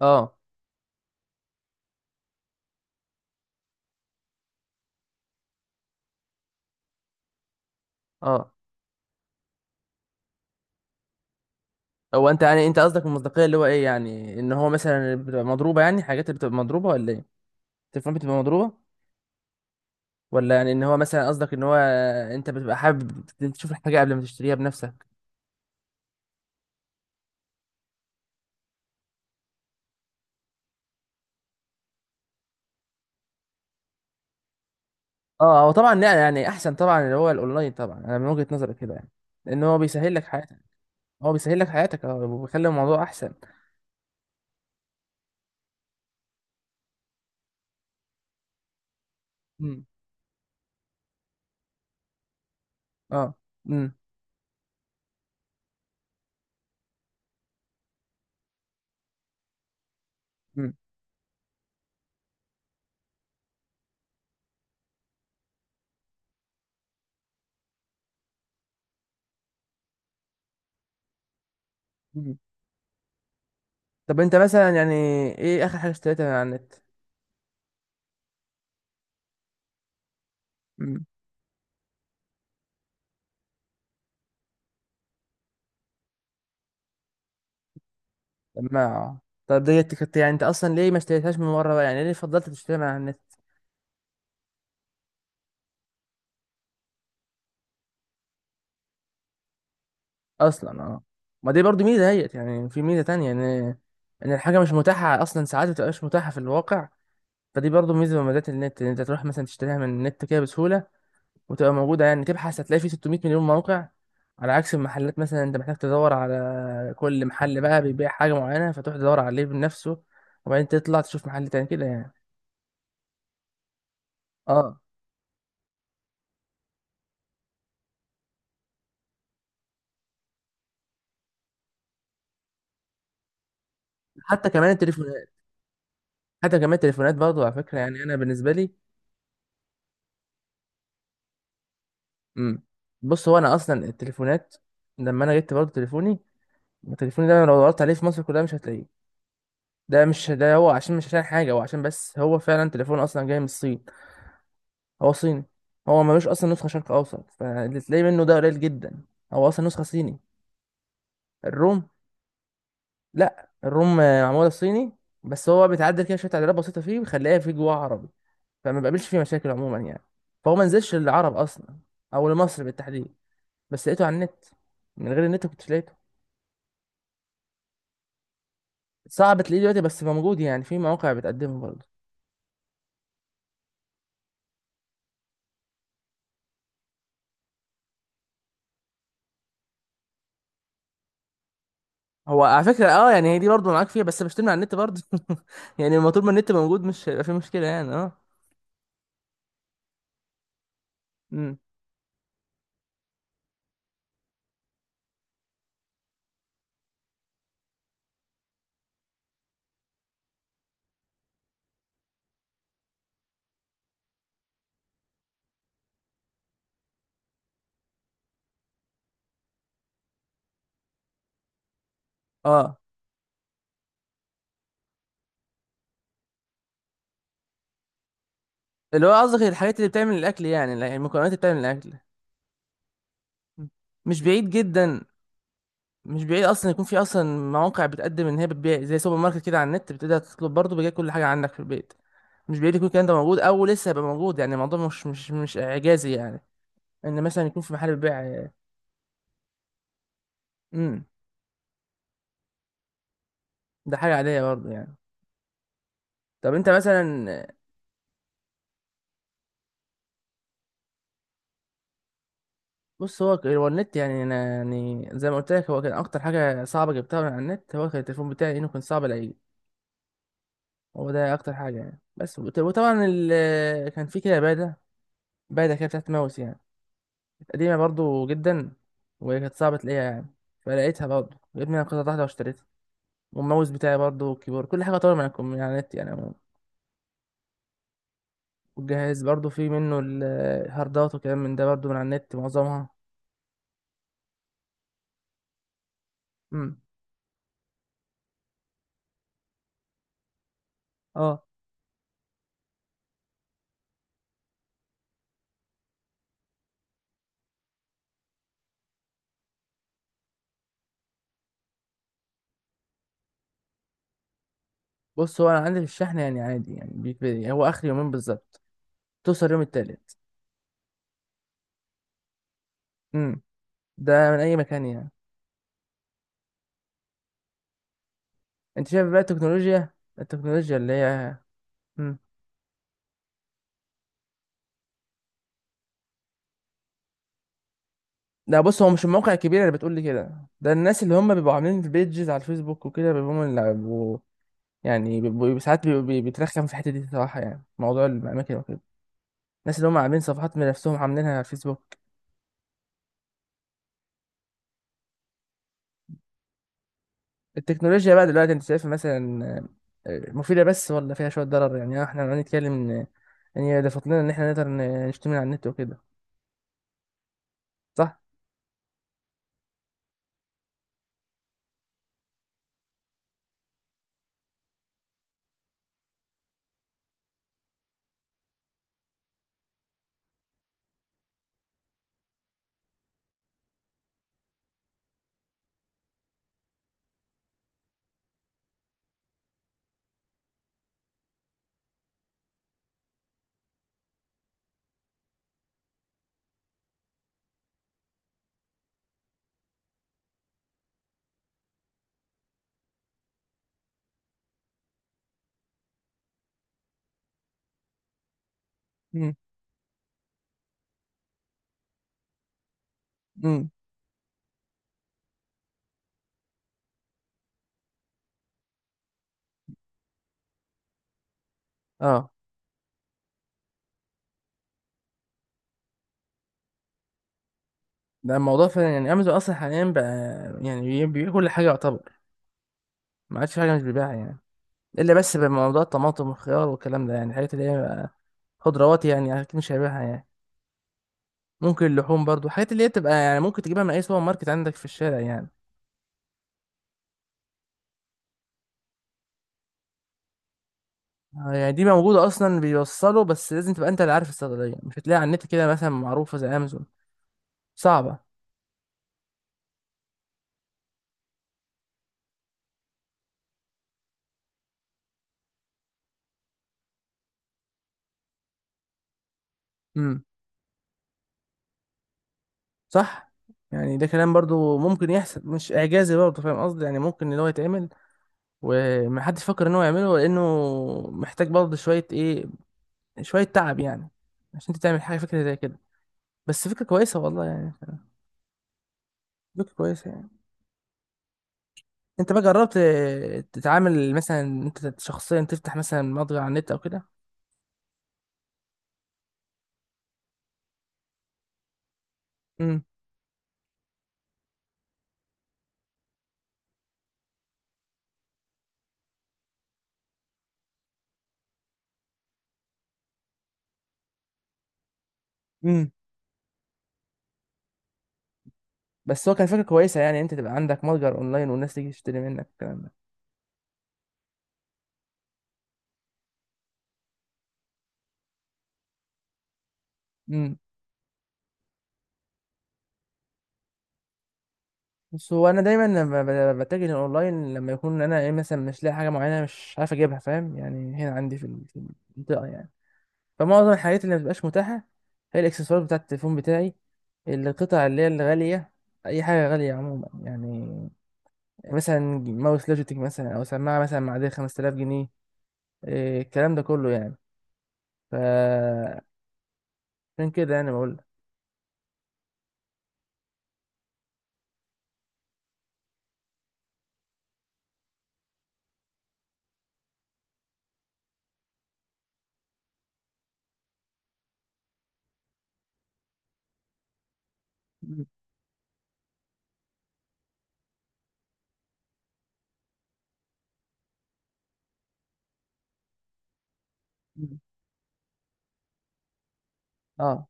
اه، اه، هو انت يعني انت قصدك المصداقيه اللي هو ايه، يعني ان هو مثلا بتبقى مضروبه، يعني حاجات اللي بتبقى مضروبه ولا ايه؟ التليفون بتبقى مضروبه؟ ولا يعني ان هو مثلا قصدك ان هو انت بتبقى حابب تشوف الحاجه قبل ما تشتريها بنفسك؟ اه، هو طبعا يعني احسن طبعا اللي هو الاونلاين، طبعا انا من وجهه نظري كده يعني. لان هو بيسهل لك حياتك. اه وبيخلي الموضوع احسن. امم. اه. امم. امم. طب انت مثلا يعني ايه اخر حاجه اشتريتها من على النت؟ ما طب ديت كنت يعني انت اصلا ليه ما اشتريتهاش من بره بقى؟ يعني ليه فضلت تشتريها من على النت؟ اصلا. اه. ما دي برضو ميزه هيت، يعني في ميزه تانية ان الحاجه مش متاحه اصلا، ساعات ما بتبقاش متاحه في الواقع. فدي برضو ميزه من مميزات النت ان انت تروح مثلا تشتريها من النت كده بسهوله وتبقى موجوده. يعني تبحث هتلاقي فيه 600 مليون موقع، على عكس المحلات مثلا انت محتاج تدور على كل محل بقى بيبيع حاجه معينه، فتروح تدور عليه بنفسه وبعدين تطلع تشوف محل تاني كده يعني. اه، حتى كمان التليفون حتى كمان التليفونات برضه، على فكرة يعني، أنا بالنسبة لي. امم. بص، هو أنا أصلا التليفونات لما أنا جبت برضه تليفوني ده، أنا لو دورت عليه في مصر كلها مش هتلاقيه. ده مش ده هو، عشان مش عشان حاجة، هو عشان بس هو فعلا تليفون أصلا جاي من الصين. هو صيني. هو ملوش أصلا نسخة شرق أوسط، فاللي تلاقيه منه ده قليل جدا. هو أصلا نسخة صيني. الروم لأ، الروم معمولة صيني، بس هو بيتعدل كده شوية تعديلات بسيطة فيه ويخليها فيه جواه عربي، فما بقابلش فيه مشاكل عموما يعني. فهو منزلش للعرب أصلا أو لمصر بالتحديد. بس لقيته على النت. من غير النت كنت لقيته. صعب تلاقيه دلوقتي بس موجود يعني، في مواقع بتقدمه برضه. هو على فكرة اه، يعني هي دي برضه معاك فيها، بس بشتمل على النت برضه يعني لما طول ما النت موجود مش هيبقى في مشكلة يعني اه امم. اه. اللي هو قصدك الحاجات اللي بتعمل الأكل، يعني لا، المكونات اللي بتعمل الأكل. مم. مش بعيد جدا. مش بعيد أصلا يكون في أصلا مواقع بتقدم إن هي بتبيع زي سوبر ماركت كده على النت، بتقدر تطلب برضه بيجي كل حاجة عندك في البيت. مش بعيد يكون الكلام ده موجود أو لسه هيبقى موجود. يعني الموضوع مش إعجازي يعني. إن مثلا يكون في محل بيع. امم. ده حاجه عاديه برضه يعني. طب انت مثلا، بص، هو النت يعني انا، يعني زي ما قلت لك هو كان اكتر حاجه صعبه جبتها من على النت هو كان التليفون بتاعي، انه كان صعب الاقيه. هو ده اكتر حاجه يعني. بس وطبعا كان في كده باده، باده كده بتاعت ماوس يعني، كانت قديمه برضه جدا وكانت صعبه تلاقيها يعني. فلقيتها برضه، جبت منها قطعه واحده واشتريتها. والماوس بتاعي برضه والكيبورد كل حاجه طبعا من على النت يعني عموماً. والجهاز برضه في منه الهاردات وكلام من ده برضه من على النت معظمها. امم. اه. بص هو انا عندي في الشحن يعني عادي يعني، بيكفي هو اخر يومين بالظبط، توصل يوم التالت. امم. ده من اي مكان يعني. انت شايف بقى التكنولوجيا اللي هي. امم. لا، بص هو مش الموقع الكبير اللي بتقول لي كده، ده الناس اللي هم بيبقوا عاملين بيجز على الفيسبوك وكده بيبقوا هم اللي يعني بيبقوا ساعات بيبقوا بيترخم في الحته دي صراحه، يعني موضوع الاماكن وكده. الناس اللي هم عاملين صفحات من نفسهم عاملينها على الفيسبوك. التكنولوجيا بقى دلوقتي انت شايفها مثلا مفيدة بس، ولا فيها شوية ضرر؟ يعني احنا لو نتكلم ان هي اضافت لنا ان احنا نقدر نشتري من على النت وكده، صح؟ امم. امم. اه. ده الموضوع فعلا يعني، امازون اصلا حاليا بقى يعني بيبيع كل حاجة يعتبر، ما عادش في حاجة مش بيبيعها يعني. الا بس بموضوع الطماطم والخيار والكلام ده، يعني الحاجات اللي هي بقى خضروات يعني، اكيد مش هيبيعها يعني. ممكن اللحوم برضو، الحاجات اللي هي تبقى يعني ممكن تجيبها من اي سوبر ماركت عندك في الشارع يعني. يعني دي موجودة أصلا، بيوصلوا بس لازم تبقى أنت اللي عارف الصيدلية، مش هتلاقي على النت كده مثلا معروفة زي أمازون، صعبة. امم. صح. يعني ده كلام برضو ممكن يحصل، مش إعجازي برضو، فاهم قصدي؟ يعني ممكن إن هو يتعمل ومحدش فكر إن هو يعمله، لأنه محتاج برضو شوية إيه، شوية تعب يعني، عشان أنت تعمل حاجة فكرة زي كده. بس فكرة كويسة والله يعني. فكرة كويسة يعني. أنت بقى جربت تتعامل مثلا، أنت شخصيا تفتح مثلا متجر على النت أو كده؟ امم. بس هو كان فكرة كويسة يعني، انت تبقى عندك متجر اونلاين والناس تيجي تشتري منك الكلام ده. امم. بس هو انا دايما لما بتجه للاونلاين، لما يكون انا ايه مثلا مش لاقي حاجة معينة، مش عارف اجيبها فاهم يعني هنا عندي في المنطقة يعني. فمعظم الحاجات اللي مبتبقاش متاحة هي الاكسسوارات بتاعة التليفون بتاعي، القطع اللي هي الغالية، اي حاجة غالية عموما يعني. مثلا ماوس لوجيتك مثلا او سماعة مثلا معدية 5000 جنيه، إيه الكلام ده كله يعني. ف، عشان كده يعني بقول لك. مم. اه،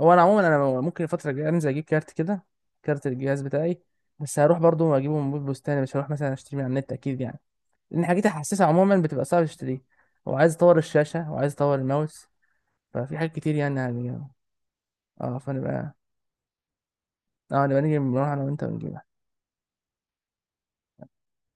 هو انا عموما انا ممكن الفتره الجايه انزل اجيب كارت كده، كارت الجهاز بتاعي، بس هروح برضو اجيبه من بيت بستاني، مش هروح مثلا اشتري من على النت اكيد يعني. لان حاجات الحساسه عموما بتبقى صعب تشتريها. وعايز اطور الشاشه وعايز اطور الماوس، ففي حاجات كتير يعني هنجيبها. اه، فنبقى اه نبقى نيجي نروح انا وانت ونجيبها.